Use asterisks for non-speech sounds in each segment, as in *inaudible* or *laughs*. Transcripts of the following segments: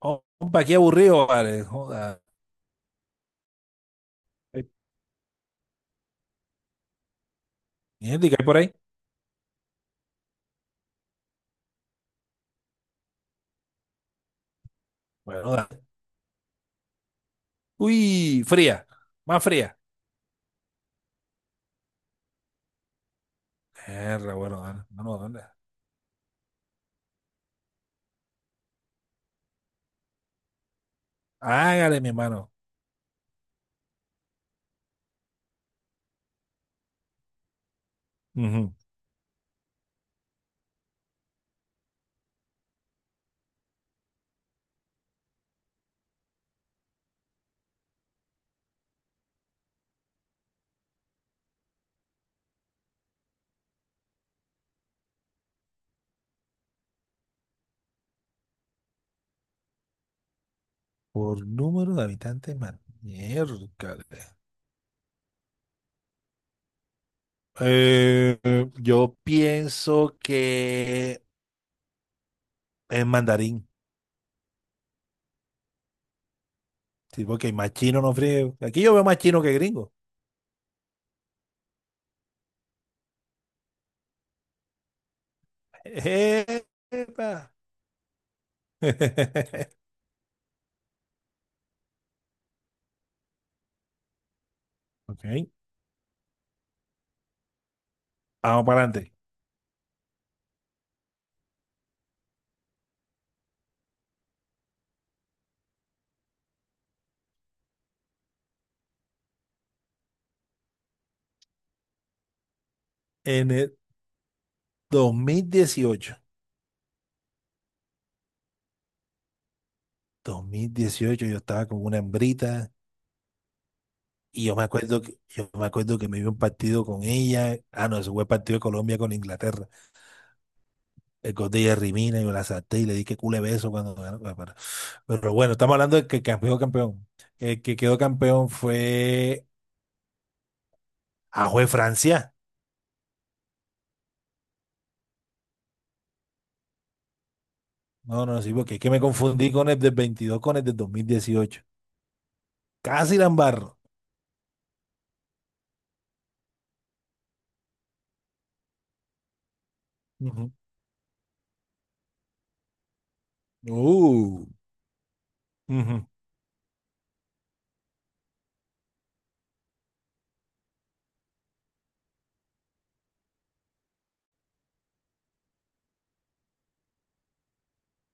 Oh, compa, qué aburrido, vale. Joda. ¿Gente que hay por ahí? Bueno, dale. Uy, fría. Más fría. Erra, bueno, dale. No, no, ¿dónde? Hágale, mi hermano. Ujú. Por número de habitantes, man. Miércale. Eh, yo pienso que es mandarín. Sí, porque más chino no frío. Aquí yo veo más chino que gringo. Epa. *laughs* Ok, vamos para adelante. En el 2018. 2018 yo estaba con una hembrita y yo me acuerdo que me vi un partido con ella. Ah, no, ese fue el partido de Colombia con Inglaterra. El gol de Jerry Mina, yo la salté y le di que cule beso cuando ganó. Bueno, pero bueno, estamos hablando de que campeón, campeón. El que quedó campeón fue Francia. No, no, sí, porque es que me confundí con el del 22 con el del 2018. Casi la embarro. Ujú. Uh, ujú.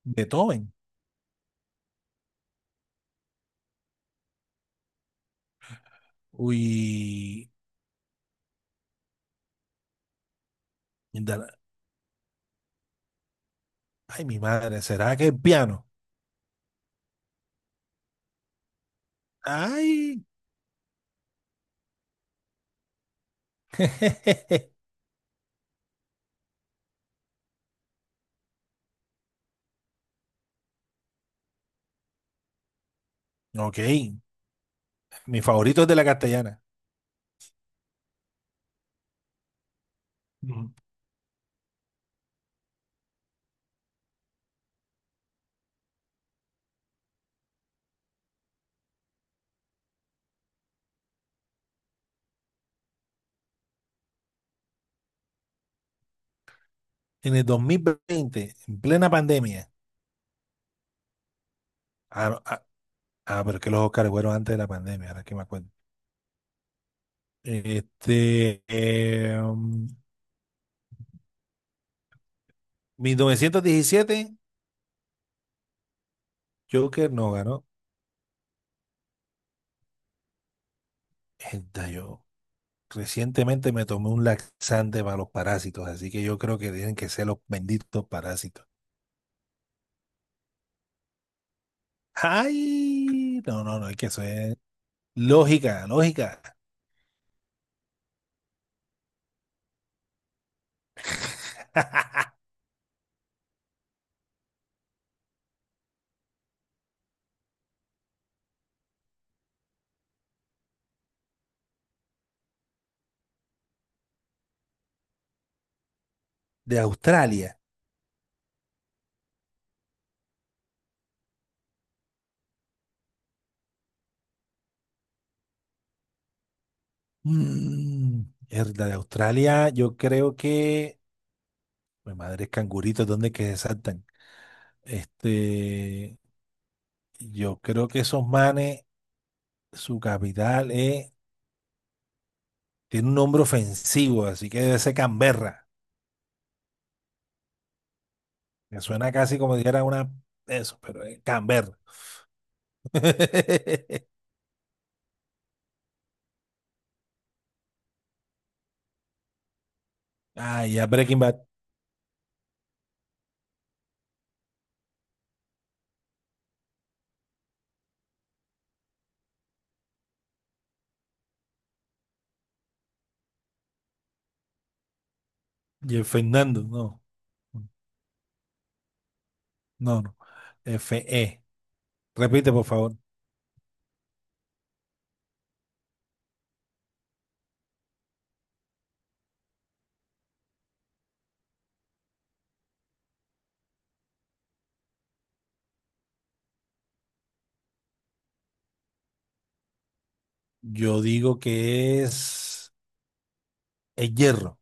Beethoven. Uy. Ay, mi madre, ¿será que es piano? Ay, *laughs* ok. Mi favorito es de la castellana. Ujú. En el 2020, en plena pandemia. Ah, ah, ah, pero es que los Oscars fueron antes de la pandemia, ahora que me acuerdo. Este, 1917, Joker no ganó. Esta yo recientemente me tomé un laxante para los parásitos, así que yo creo que tienen que ser los benditos parásitos. Ay, no, no, no, es que eso es. Lógica, lógica. *laughs* De Australia. Mm, mierda, de Australia, yo creo que. Mi madre es cangurito, ¿dónde que se saltan? Este. Yo creo que esos manes, su capital es. Tiene un nombre ofensivo, así que debe ser Canberra. Me suena casi como si era una. Eso, pero es Canberra. *laughs* Ah, ya Breaking Bad. Y el Fernando, no. No, no. Fe. Repite, por favor. Yo digo que es el hierro.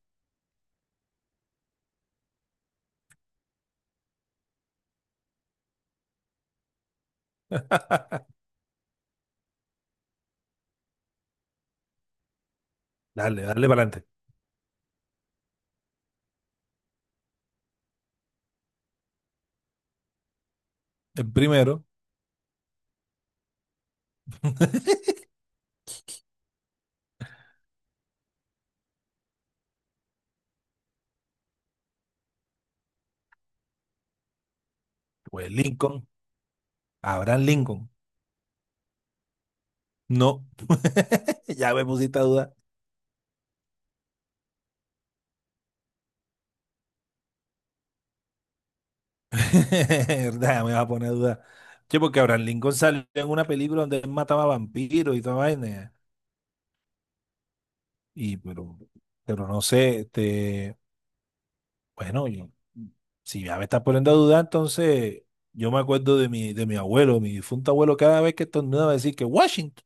*laughs* Dale, dale para adelante. El primero fue Lincoln, Abraham Lincoln. No, *laughs* ya me pusiste a duda. *laughs* Ya me vas a poner a duda. Che, porque Abraham Lincoln salió en una película donde él mataba vampiros y toda vaina. Y, pero no sé, este, bueno, si ya me estás poniendo a dudar, entonces yo me acuerdo de mi abuelo, mi difunto abuelo, cada vez que estornudaba decir que Washington.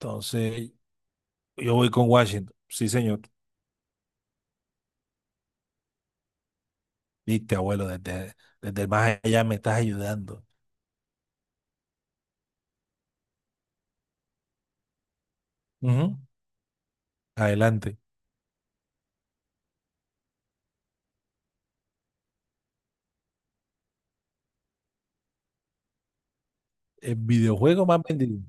Entonces yo voy con Washington. Sí, señor. Viste, abuelo, desde el más allá me estás ayudando. Ujú. Adelante. El videojuego más vendido.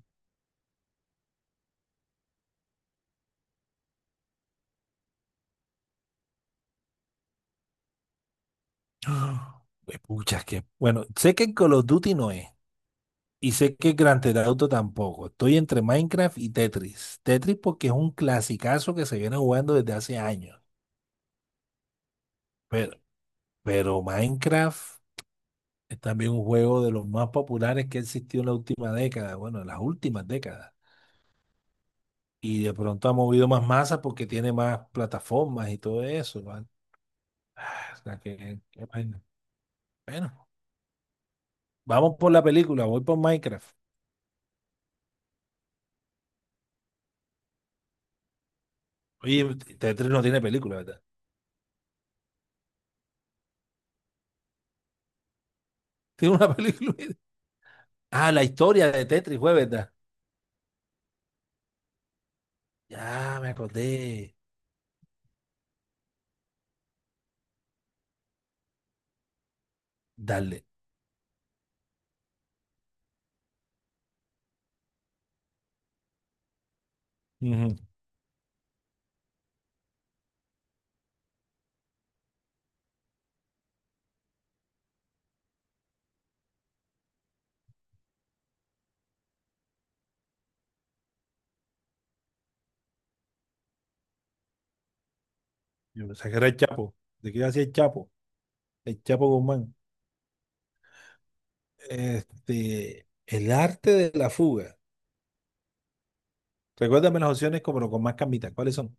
¡Ah! Pues, Pucha, que bueno, sé que Call of Duty no es. Y sé que Grand Theft Auto tampoco. Estoy entre Minecraft y Tetris. Tetris porque es un clasicazo que se viene jugando desde hace años. Pero, pero Minecraft es también un juego de los más populares que ha existido en la última década. Bueno, en las últimas décadas. Y de pronto ha movido más masa porque tiene más plataformas y todo eso, ¿vale? O sea, que, qué vaina. Bueno, vamos por la película, voy por Minecraft. Oye, Tetris no tiene película, ¿verdad? *laughs* Tiene una película. *laughs* Ah, la historia de Tetris fue, ¿verdad? Ya me acordé. Dale. Ujú. Yo pensaba que era el Chapo. ¿De qué hacía el Chapo? El Chapo Guzmán. Este, el arte de la fuga. Recuérdame las opciones, como, pero con más cambitas. ¿Cuáles son?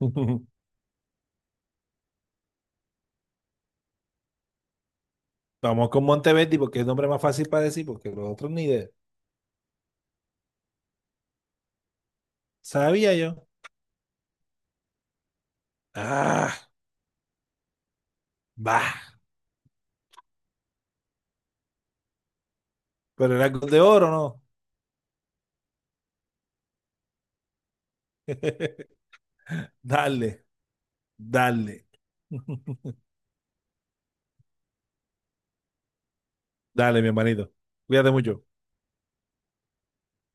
*laughs* Vamos con Monteverdi porque es el nombre más fácil para decir, porque los otros ni de. Sabía yo. Ah, va. Pero era gol de oro, ¿no? *laughs* Dale, dale. *laughs* Dale, mi hermanito. Cuídate mucho.